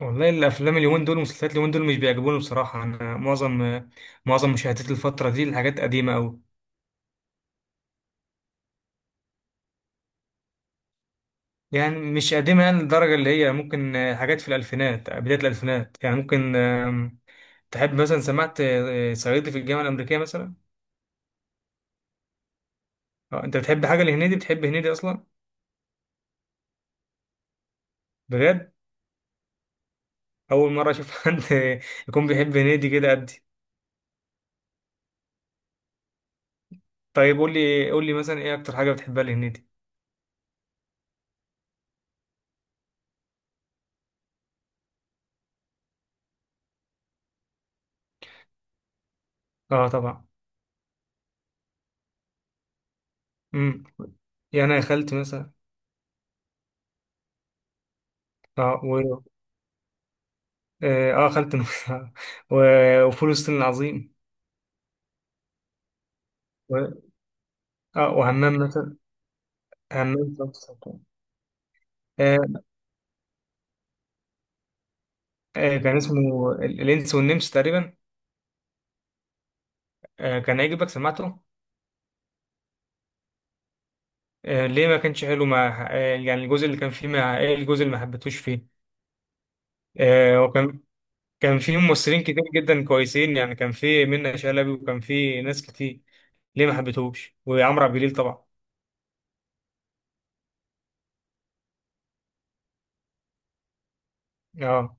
والله الافلام اليومين دول والمسلسلات اليومين دول مش بيعجبوني بصراحه. انا معظم مشاهدات الفتره دي الحاجات قديمه قوي. يعني مش قديمه يعني للدرجه اللي هي ممكن، حاجات في الالفينات، بدايه الالفينات يعني ممكن، تحب مثلا سمعت، صعيدي في الجامعه الامريكيه مثلا. انت بتحب حاجه لهنيدي؟ بتحب هنيدي اصلا؟ بجد؟ اول مره اشوف حد يكون بيحب هنيدي كده قدي. طيب قول لي مثلا ايه اكتر حاجه بتحبها لهنيدي. اه طبعا. امم، يعني يا خالتي مثلا. اه. اه خالة النبي وفول الصين العظيم و... اه وهمام مثلا. همام في امستردام. آه. آه كان اسمه الانس والنمس تقريبا. آه كان هيعجبك، سمعته؟ آه ليه ما كانش حلو؟ مع آه يعني الجزء اللي كان فيه مع ايه؟ الجزء اللي ما حبيتهوش فيه؟ آه وكان، كان فيه ممثلين كتير جدا كويسين، يعني كان فيه منة شلبي وكان فيه ناس كتير. ليه ما حبيتهوش؟ وعمرو عبد الجليل طبعا. اه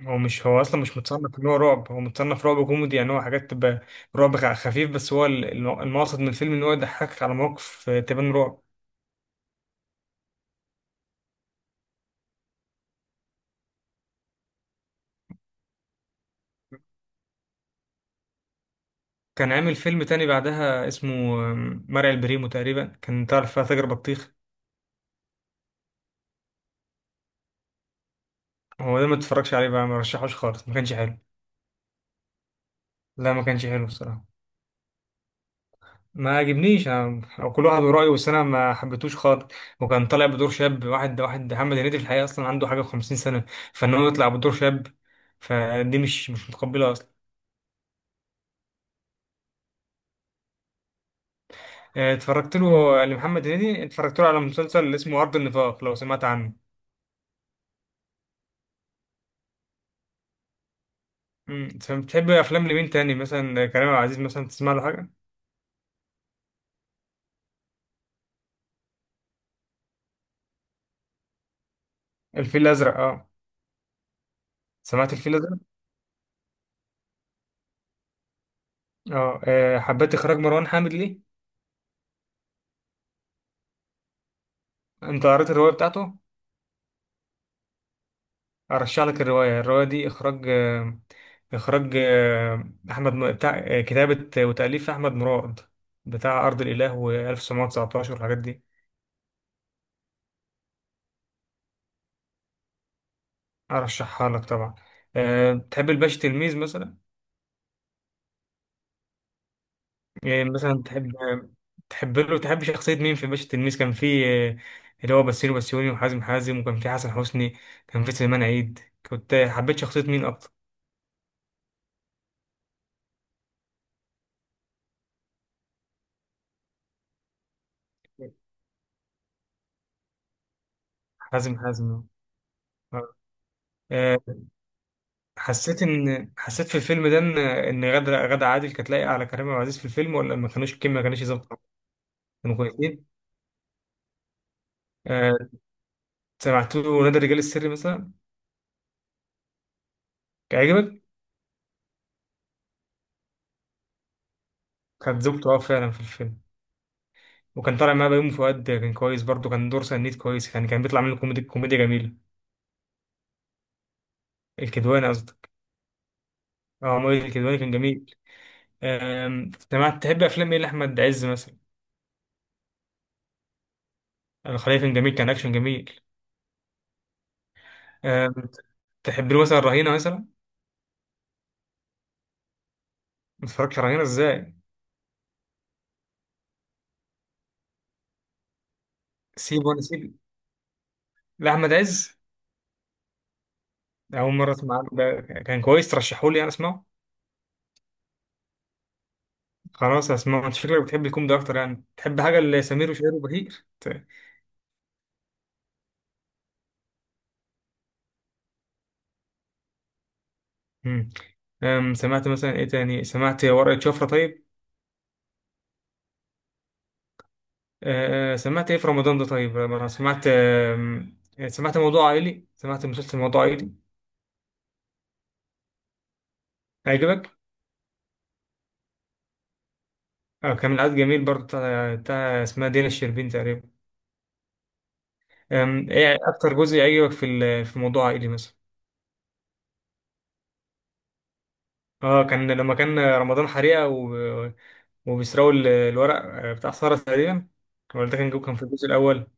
هو مش، هو اصلا مش متصنف ان هو رعب، هو متصنف رعب كوميدي، يعني هو حاجات تبقى رعب خفيف بس هو المقصد من الفيلم ان هو يضحكك على مواقف، تبان رعب. كان عامل فيلم تاني بعدها اسمه، آم، مرعي البريمو تقريبا، كان تعرف فيها تاجر بطيخ. هو ده ما اتفرجش عليه بقى، ما رشحوش خالص، ما كانش حلو. لا ما كانش حلو الصراحه. ما عجبنيش او كل واحد ورأيه، بس انا ما حبيتهوش خالص. وكان طالع بدور شاب، واحد محمد هنيدي في الحقيقه اصلا عنده حاجه و50 سنه، فان هو يطلع بدور شاب فدي مش متقبله اصلا. اتفرجت له لمحمد هنيدي، اتفرجت له على مسلسل اسمه أرض النفاق، لو سمعت عنه. امم، بتحب افلام لمين تاني؟ مثلا كريم عبد العزيز مثلا، تسمع له حاجه؟ الفيل الازرق؟ اه سمعت الفيل الازرق. اه، حبيت اخراج مروان حامد ليه. انت قريت الروايه بتاعته؟ ارشح لك الروايه، الروايه دي اخراج، اخراج آه، احمد بتاع، كتابه وتاليف احمد مراد، بتاع ارض الاله و1919 والحاجات دي. ارشحها لك طبعا. تحب الباشا تلميذ مثلا؟ يعني مثلا تحب، تحب له تحب شخصية مين في باشا تلميذ؟ كان في، آه، اللي هو بسيرو بسيوني، وحازم حازم، وكان في حسن حسني، كان في سليمان عيد. كنت حبيت شخصية مين أكتر؟ حازم حازم. آه. آه، حسيت إن، حسيت في الفيلم ده إن غادة عادل كانت لايقة على كريم عبد العزيز في الفيلم، ولا ما كانوش الكيميا ما كانوش ظابطة؟ كانوا كويسين. آه، سمعت له نادي الرجال السري مثلا؟ كان عجبك؟ كانت زوجته أه فعلا في الفيلم. وكان طالع معاه بيومي فؤاد، كان كويس برضه، كان دور سنيد كويس، يعني كان بيطلع منه كوميدي، كوميديا جميلة. الكدواني قصدك. اه مؤيد الكدواني كان جميل. آم، سمعت، تحب افلام ايه لاحمد عز مثلا؟ الخلية كان جميل، كان اكشن جميل. آم، تحب له مثلا رهينة مثلا؟ ما تتفرجش على رهينة ازاي؟ سيب وانا سيب لاحمد عز. اول مره اسمع عنه، ده كان كويس، ترشحوا لي انا اسمعه. خلاص اسمعه. انت شكلك بتحب الكوميدي اكتر، يعني تحب حاجه لسمير وشهير وبهير مم. آم، سمعت مثلا ايه تاني؟ سمعت ورقة شفرة طيب؟ سمعت ايه في رمضان ده طيب؟ انا سمعت، آم، آه، سمعت موضوع عائلي، سمعت مسلسل موضوع عائلي. عجبك؟ كان من العدد جميل برضه، بتاع بتاع اسمها دينا الشربين تقريبا. آم، ايه اكتر جزء عجبك في في موضوع عائلي مثلا؟ اه كان لما كان رمضان حريقه وبيسرقوا الورق، بتاع سارة تقريبا. ولا ده كان كان في الجزء الاول؟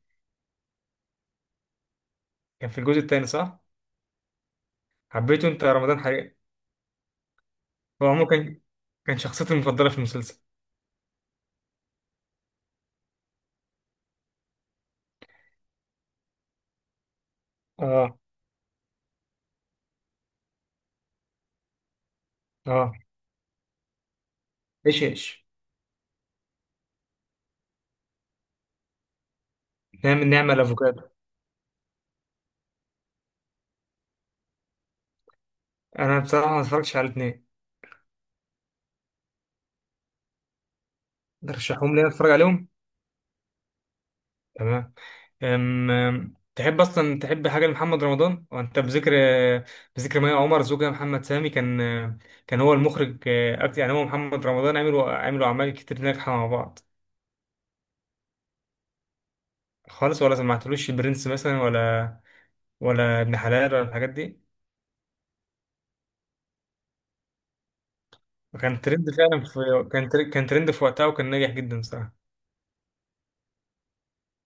كان في الجزء الثاني صح. حبيته انت رمضان حريقه؟ هو عموما كان، كان شخصيتي المفضله في المسلسل. اه. اه. ايش ايش. نعم، نعمل افوكادو. انا بصراحه ما اتفرجتش على الاثنين. ترشحهم لي اتفرج عليهم. تمام. أم أم، تحب اصلا، تحب حاجه لمحمد رمضان؟ وانت بذكر، بذكر مي عمر، زوجها محمد سامي كان، كان هو المخرج اكتر، يعني هو محمد رمضان عملوا اعمال كتير ناجحه مع بعض. خالص، ولا سمعتلوش البرنس مثلا ولا ابن حلال ولا الحاجات دي؟ وكان ترند فعلا في، كان ترند في وقتها وكان ناجح جدا صراحه.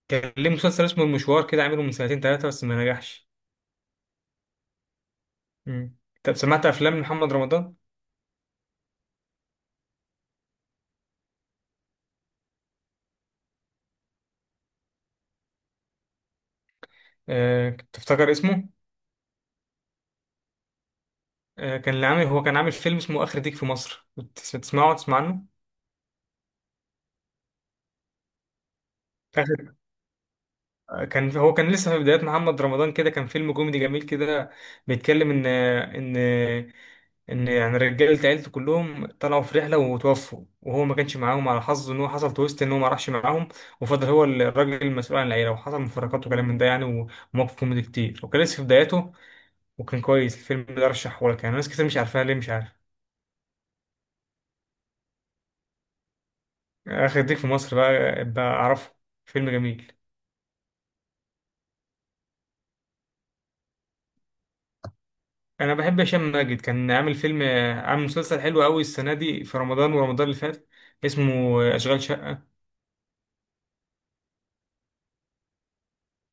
كان ليه مسلسل اسمه المشوار كده، عامله من سنتين ثلاثه بس ما نجحش. مم. طب سمعت افلام محمد رمضان؟ تفتكر اسمه؟ كان اللي عامل، هو كان عامل فيلم اسمه آخر ديك في مصر، بتسمعه؟ تسمع عنه؟ آخر، كان هو كان لسه في بدايات محمد رمضان كده، كان فيلم كوميدي جميل كده بيتكلم ان ان يعني رجاله، عيلته كلهم طلعوا في رحله وتوفوا، وهو ما كانش معاهم على حظه، ان هو حصل تويست ان هو ما راحش معاهم، وفضل هو الراجل المسؤول عن العيله، وحصل مفارقات وكلام من ده يعني، ومواقف كوميدي كتير، وكان لسه في بداياته وكان كويس. الفيلم ده رشحه لك، يعني ناس كتير مش عارفاه، ليه مش عارف. آخر ديك في مصر، بقى أعرفه. فيلم جميل. أنا بحب هشام ماجد، كان عامل فيلم، عامل مسلسل حلو أوي السنة دي في رمضان ورمضان اللي فات، اسمه أشغال شقة.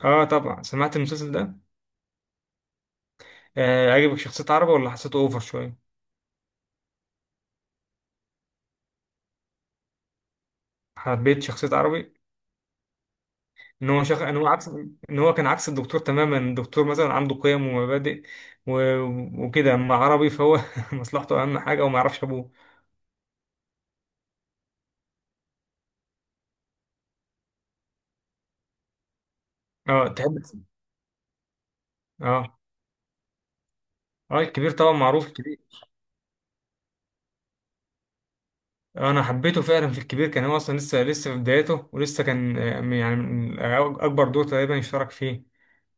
آه طبعا سمعت المسلسل ده. آه عجبك شخصية عربي ولا حسيته أوفر شوية؟ حبيت شخصية عربي. إن هو إن هو عكس، إن هو كان عكس الدكتور تماما. الدكتور مثلا عنده قيم ومبادئ و... وكده، أما عربي فهو مصلحته أهم حاجة وما يعرفش أبوه. آه تحب. آه. آه الكبير طبعا معروف. انا حبيته فعلا في الكبير، كان هو اصلا لسه، لسه في بدايته، ولسه كان، آه، يعني من اكبر دور تقريبا يشترك فيه،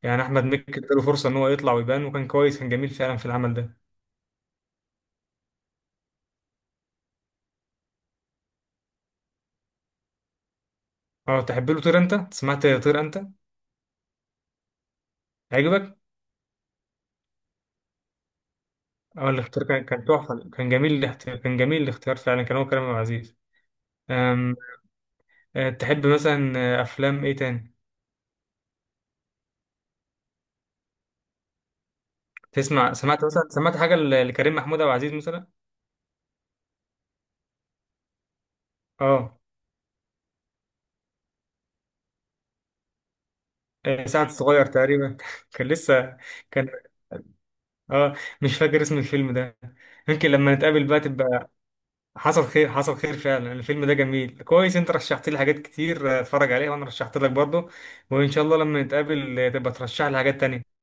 يعني احمد مكي اداله فرصه ان هو يطلع ويبان، وكان كويس، كان جميل فعلا في العمل ده. اه تحب له طير انت؟ سمعت طير انت؟ عجبك؟ اه الاختيار كان، كان تحفه، كان جميل الاختيار، كان جميل الاختيار فعلا، كان هو كريم عبد العزيز. أم... تحب مثلا، افلام ايه تاني تسمع؟ سمعت مثلا، سمعت حاجه لكريم محمود عبد العزيز مثلا؟ اه. سعد الصغير تقريبا كان لسه. اه مش فاكر اسم الفيلم ده، يمكن لما نتقابل بقى تبقى. حصل خير. حصل خير فعلا. الفيلم ده جميل كويس. انت رشحت لي حاجات كتير، اتفرج عليها، وانا رشحت لك برضه، وان شاء الله لما نتقابل، تبقى ترشح لي حاجات تانية.